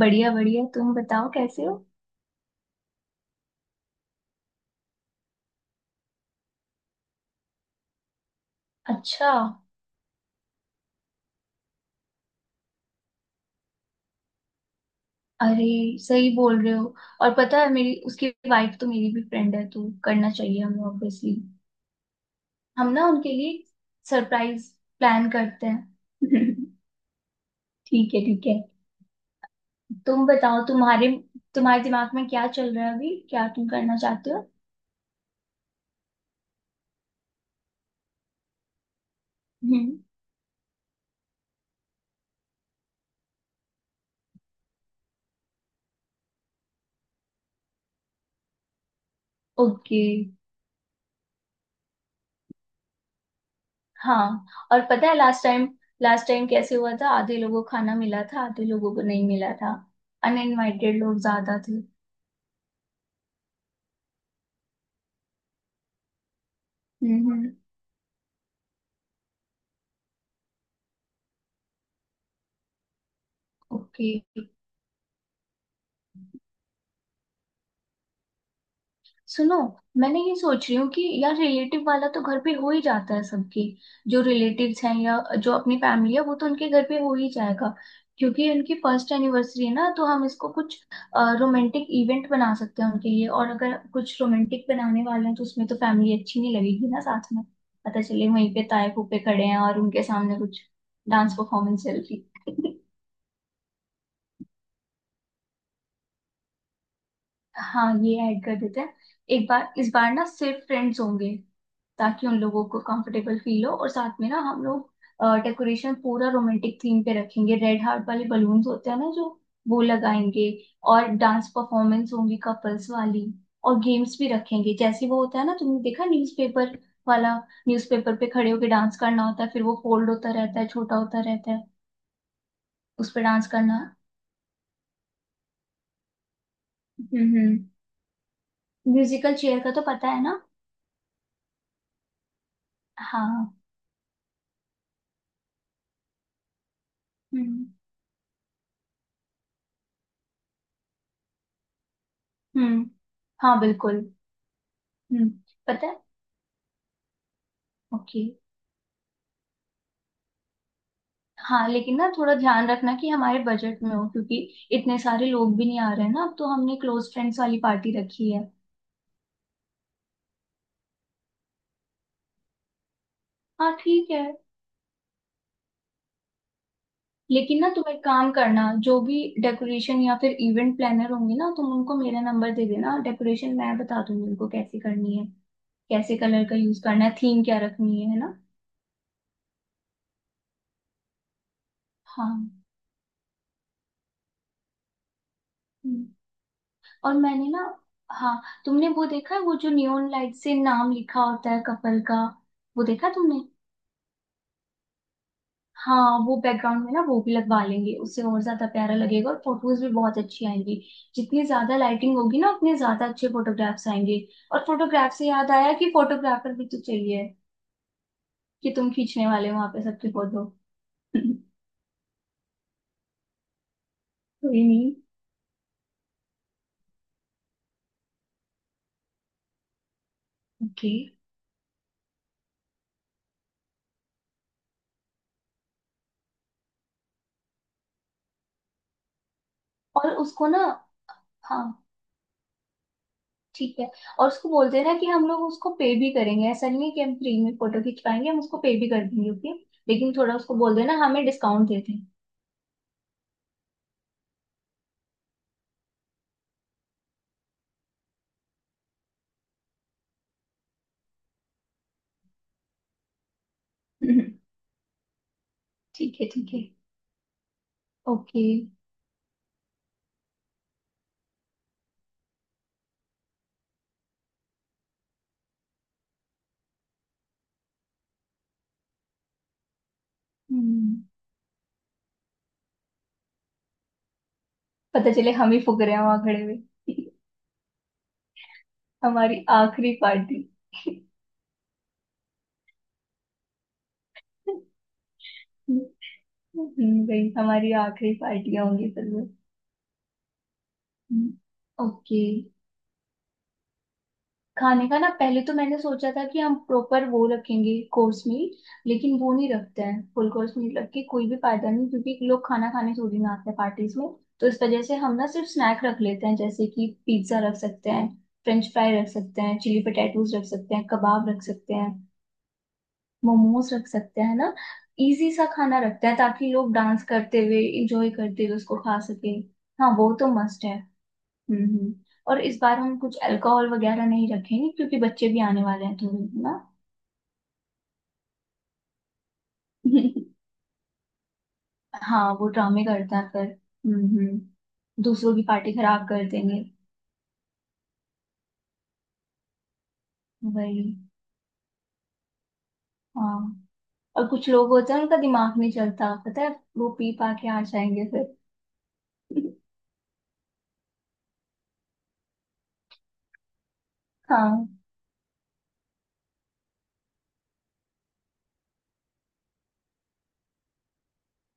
बढ़िया बढ़िया, तुम बताओ कैसे हो। अच्छा। अरे सही बोल रहे हो। और पता है, मेरी उसकी वाइफ तो मेरी भी फ्रेंड है, तो करना चाहिए हमें ऑब्वियसली। हम ना उनके लिए सरप्राइज प्लान करते हैं ठीक है, ठीक है। तुम बताओ तुम्हारे तुम्हारे दिमाग में क्या चल रहा है अभी, क्या तुम करना चाहते हो। हम्म। ओके। हाँ और पता है लास्ट टाइम कैसे हुआ था, आधे लोगों को खाना मिला था, आधे लोगों को नहीं मिला था। अनइनवाइटेड लोग ज्यादा थे। हम्म। ओके। सुनो, मैंने ये सोच रही हूँ कि यार रिलेटिव वाला तो घर पे हो ही जाता है सबके। जो रिलेटिव्स हैं या जो अपनी फैमिली है वो तो उनके घर पे हो ही जाएगा। क्योंकि उनकी फर्स्ट एनिवर्सरी है ना, तो हम इसको कुछ रोमांटिक इवेंट बना सकते हैं उनके लिए। और अगर कुछ रोमांटिक बनाने वाले हैं, तो उसमें तो फैमिली अच्छी नहीं लगेगी ना साथ में। पता चले वहीं पे ताए फूफे खड़े हैं और उनके सामने कुछ डांस परफॉर्मेंस चल रही है। हाँ, ये ऐड कर देते हैं। एक बार इस बार ना सिर्फ फ्रेंड्स होंगे, ताकि उन लोगों को कंफर्टेबल फील हो। और साथ में ना हम लोग डेकोरेशन पूरा रोमांटिक थीम पे रखेंगे। रेड हार्ट वाले बलून्स होते हैं ना, जो वो लगाएंगे। और डांस परफॉर्मेंस होंगी कपल्स वाली। और गेम्स भी रखेंगे। जैसे वो होता है ना, तुमने देखा न्यूज़पेपर वाला। न्यूज़पेपर पे खड़े होके डांस करना होता है, फिर वो फोल्ड होता रहता है, छोटा होता रहता है, उस पर डांस करना। हम्म। म्यूजिकल चेयर का तो पता है ना। हाँ। हम्म हम्म। हाँ बिल्कुल। हम्म। पता है। ओके। हाँ लेकिन ना थोड़ा ध्यान रखना कि हमारे बजट में हो, क्योंकि इतने सारे लोग भी नहीं आ रहे हैं ना, अब तो हमने क्लोज फ्रेंड्स वाली पार्टी रखी है। हाँ ठीक है। लेकिन ना तुम एक काम करना, जो भी डेकोरेशन या फिर इवेंट प्लानर होंगे ना, तुम उनको मेरा नंबर दे देना। डेकोरेशन मैं बता दूंगी उनको कैसे करनी है, कैसे कलर का यूज करना है, थीम क्या रखनी है ना। हाँ। हम्म, और मैंने ना, हाँ तुमने वो देखा है वो जो नियॉन लाइट से नाम लिखा होता है कपल का, वो देखा तुमने। हाँ वो बैकग्राउंड में ना वो भी लगवा लेंगे, उससे और ज्यादा प्यारा लगेगा और फोटोज भी बहुत अच्छी आएंगी। जितनी ज्यादा लाइटिंग होगी ना, उतने ज्यादा अच्छे फोटोग्राफ्स आएंगे। और फोटोग्राफ से याद आया कि फोटोग्राफर भी तो चाहिए, कि तुम खींचने वाले हो वहां पे सबकी फोटो। कोई नहीं। ओके। और उसको ना, हाँ ठीक है। और उसको बोलते हैं ना कि हम लोग उसको पे भी करेंगे, ऐसा नहीं है कि हम फ्री में फोटो खींच पाएंगे, हम उसको पे भी कर देंगे। ओके, लेकिन थोड़ा उसको बोल देना हमें डिस्काउंट देते हैं। ठीक है, ठीक है। ओके। हम्म। पता चले हम ही फुक रहे हैं वहां खड़े हुए। हमारी आखिरी पार्टी। भाई हमारी आखिरी पार्टियां होंगी फिर वो। हम्म, ओके। खाने का ना पहले तो मैंने सोचा था कि हम प्रॉपर वो रखेंगे कोर्स मील। लेकिन वो नहीं रखते हैं, फुल कोर्स मील रख के कोई भी फायदा नहीं, क्योंकि लोग खाना खाने थोड़ी ना आते हैं पार्टीज में। तो इस वजह से हम ना सिर्फ स्नैक रख लेते हैं। जैसे कि पिज्जा रख सकते हैं, फ्रेंच फ्राई रख सकते हैं, चिली पटेटोज रख सकते हैं, कबाब रख सकते हैं, मोमोज रख सकते हैं ना। इजी सा खाना रखते हैं, ताकि लोग डांस करते हुए इंजॉय करते हुए उसको खा सके। हाँ वो तो मस्ट है। हम्म। और इस बार हम कुछ अल्कोहल वगैरह नहीं रखेंगे, क्योंकि बच्चे भी आने वाले हैं थोड़े ना। हाँ वो ड्रामे करता है फिर। हम्म। दूसरों की पार्टी खराब कर देंगे। वही। हाँ। और कुछ लोग होते हैं उनका दिमाग नहीं चलता पता है, वो पी पा के आ जाएंगे फिर। हाँ।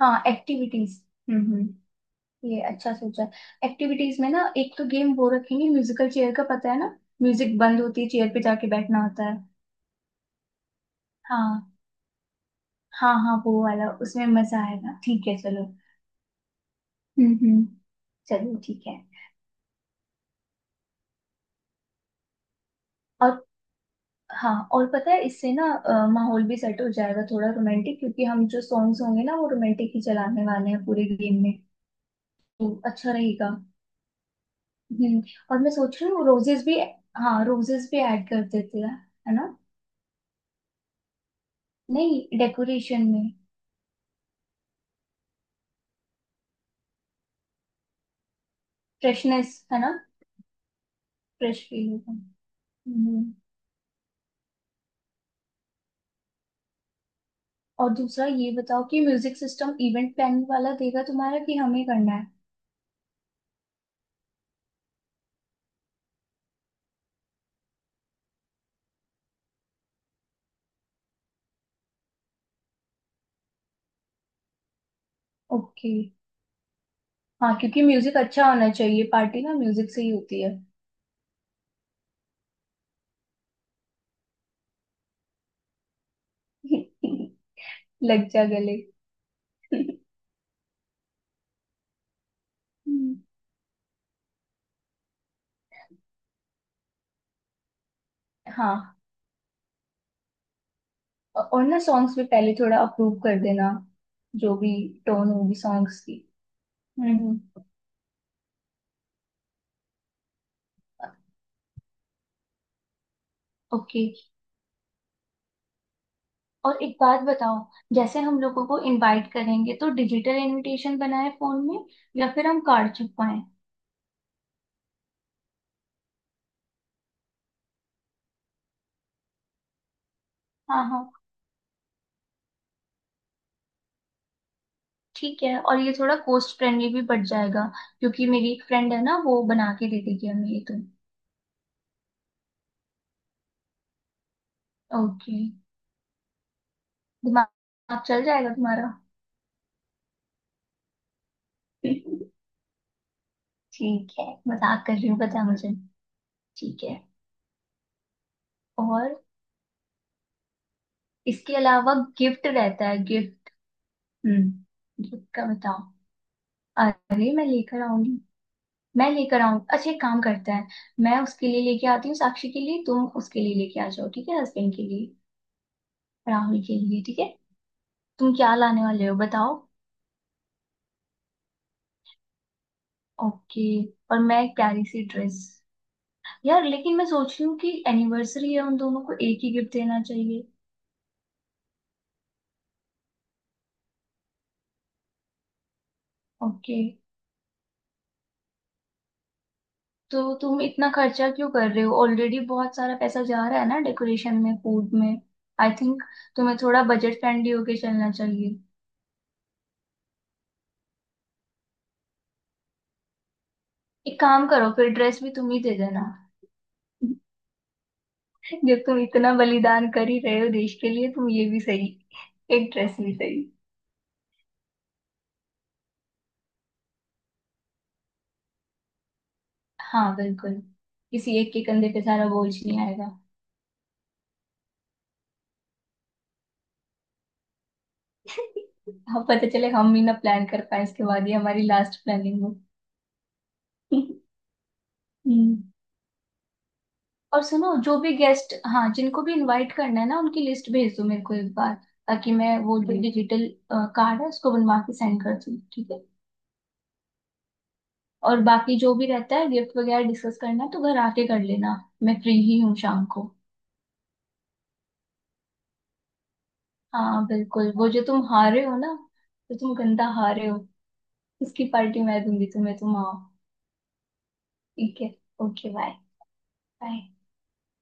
हाँ एक्टिविटीज। हम्म। ये अच्छा सोचा। एक्टिविटीज में ना एक तो गेम वो रखेंगे म्यूजिकल चेयर का, पता है ना। म्यूजिक बंद होती है, चेयर पे जाके बैठना होता है। हाँ। हाँ हाँ वो वाला, उसमें मजा आएगा। ठीक है चलो। हम्म। चलो ठीक है। और हाँ और पता है इससे ना माहौल भी सेट हो जाएगा थोड़ा रोमांटिक, क्योंकि हम जो सॉन्ग्स होंगे ना वो रोमांटिक ही चलाने वाले हैं पूरे गेम में। तो अच्छा रहेगा। हम्म। और मैं सोच रही हूँ रोजेस भी, हाँ रोजेस भी ऐड कर देते हैं, है ना। नहीं डेकोरेशन में। फ्रेशनेस है ना। फ्रेश फील होगा। हम्म, और दूसरा ये बताओ कि म्यूजिक सिस्टम इवेंट प्लानिंग वाला देगा तुम्हारा कि हमें करना है। ओके। हाँ क्योंकि म्यूजिक अच्छा होना चाहिए, पार्टी ना म्यूजिक से ही होती है। लग जा गले। हम्म, हाँ। और ना सॉन्ग्स भी पहले थोड़ा अप्रूव कर देना, जो भी टोन होगी सॉन्ग्स की। हम्म। ओके। और एक बात बताओ, जैसे हम लोगों को इनवाइट करेंगे तो डिजिटल इनविटेशन बनाए फोन में या फिर हम कार्ड छपवाएं। हाँ हाँ। ठीक है और ये थोड़ा कोस्ट फ्रेंडली भी पड़ जाएगा, क्योंकि मेरी एक फ्रेंड है ना वो बना के दे देगी हमें, ये तो ओके। दिमाग चल जाएगा तुम्हारा। ठीक है, मजाक कर रही हूँ, पता है मुझे। ठीक है। और इसके अलावा गिफ्ट रहता है गिफ्ट। हम्म। गिफ्ट का बताओ। अरे मैं लेकर आऊंगी। मैं लेकर आऊंगी। अच्छा एक काम करता है, मैं उसके लिए लेके आती हूँ साक्षी के लिए, तुम उसके लिए लेके आ जाओ, ठीक है, हस्बैंड के लिए। राहुल के लिए। ठीक है तुम क्या लाने वाले हो बताओ। ओके। और मैं एक प्यारी सी ड्रेस। यार लेकिन मैं सोच रही हूँ कि एनिवर्सरी है, उन दोनों को एक ही गिफ्ट देना चाहिए। ओके। तो तुम इतना खर्चा क्यों कर रहे हो, ऑलरेडी बहुत सारा पैसा जा रहा है ना डेकोरेशन में, फूड में। आई थिंक तुम्हें थोड़ा बजट फ्रेंडली होके चलना चाहिए। एक काम करो फिर, ड्रेस भी तुम ही दे देना। जब तुम इतना बलिदान कर ही रहे हो देश के लिए, तुम ये भी सही, एक ड्रेस भी सही। हाँ बिल्कुल, किसी एक के कंधे पे सारा बोझ नहीं आएगा। अब पता चले हम ही ना प्लान कर पाए, इसके बाद ये हमारी लास्ट प्लानिंग हो। हम्म। और सुनो जो भी गेस्ट, हाँ जिनको भी इनवाइट करना है ना उनकी लिस्ट भेज दो मेरे को एक बार, ताकि मैं वो जो डिजिटल कार्ड है उसको बनवा के सेंड कर दूँ, ठीक है। और बाकी जो भी रहता है गिफ्ट वगैरह डिस्कस करना है तो घर आके कर लेना, मैं फ्री ही हूँ शाम को। हाँ बिल्कुल, वो जो तुम हारे हो ना, जो तुम गंदा हारे हो, उसकी पार्टी मैं दूंगी तुम्हें, तुम आओ। ठीक है। Okay bye. बाय।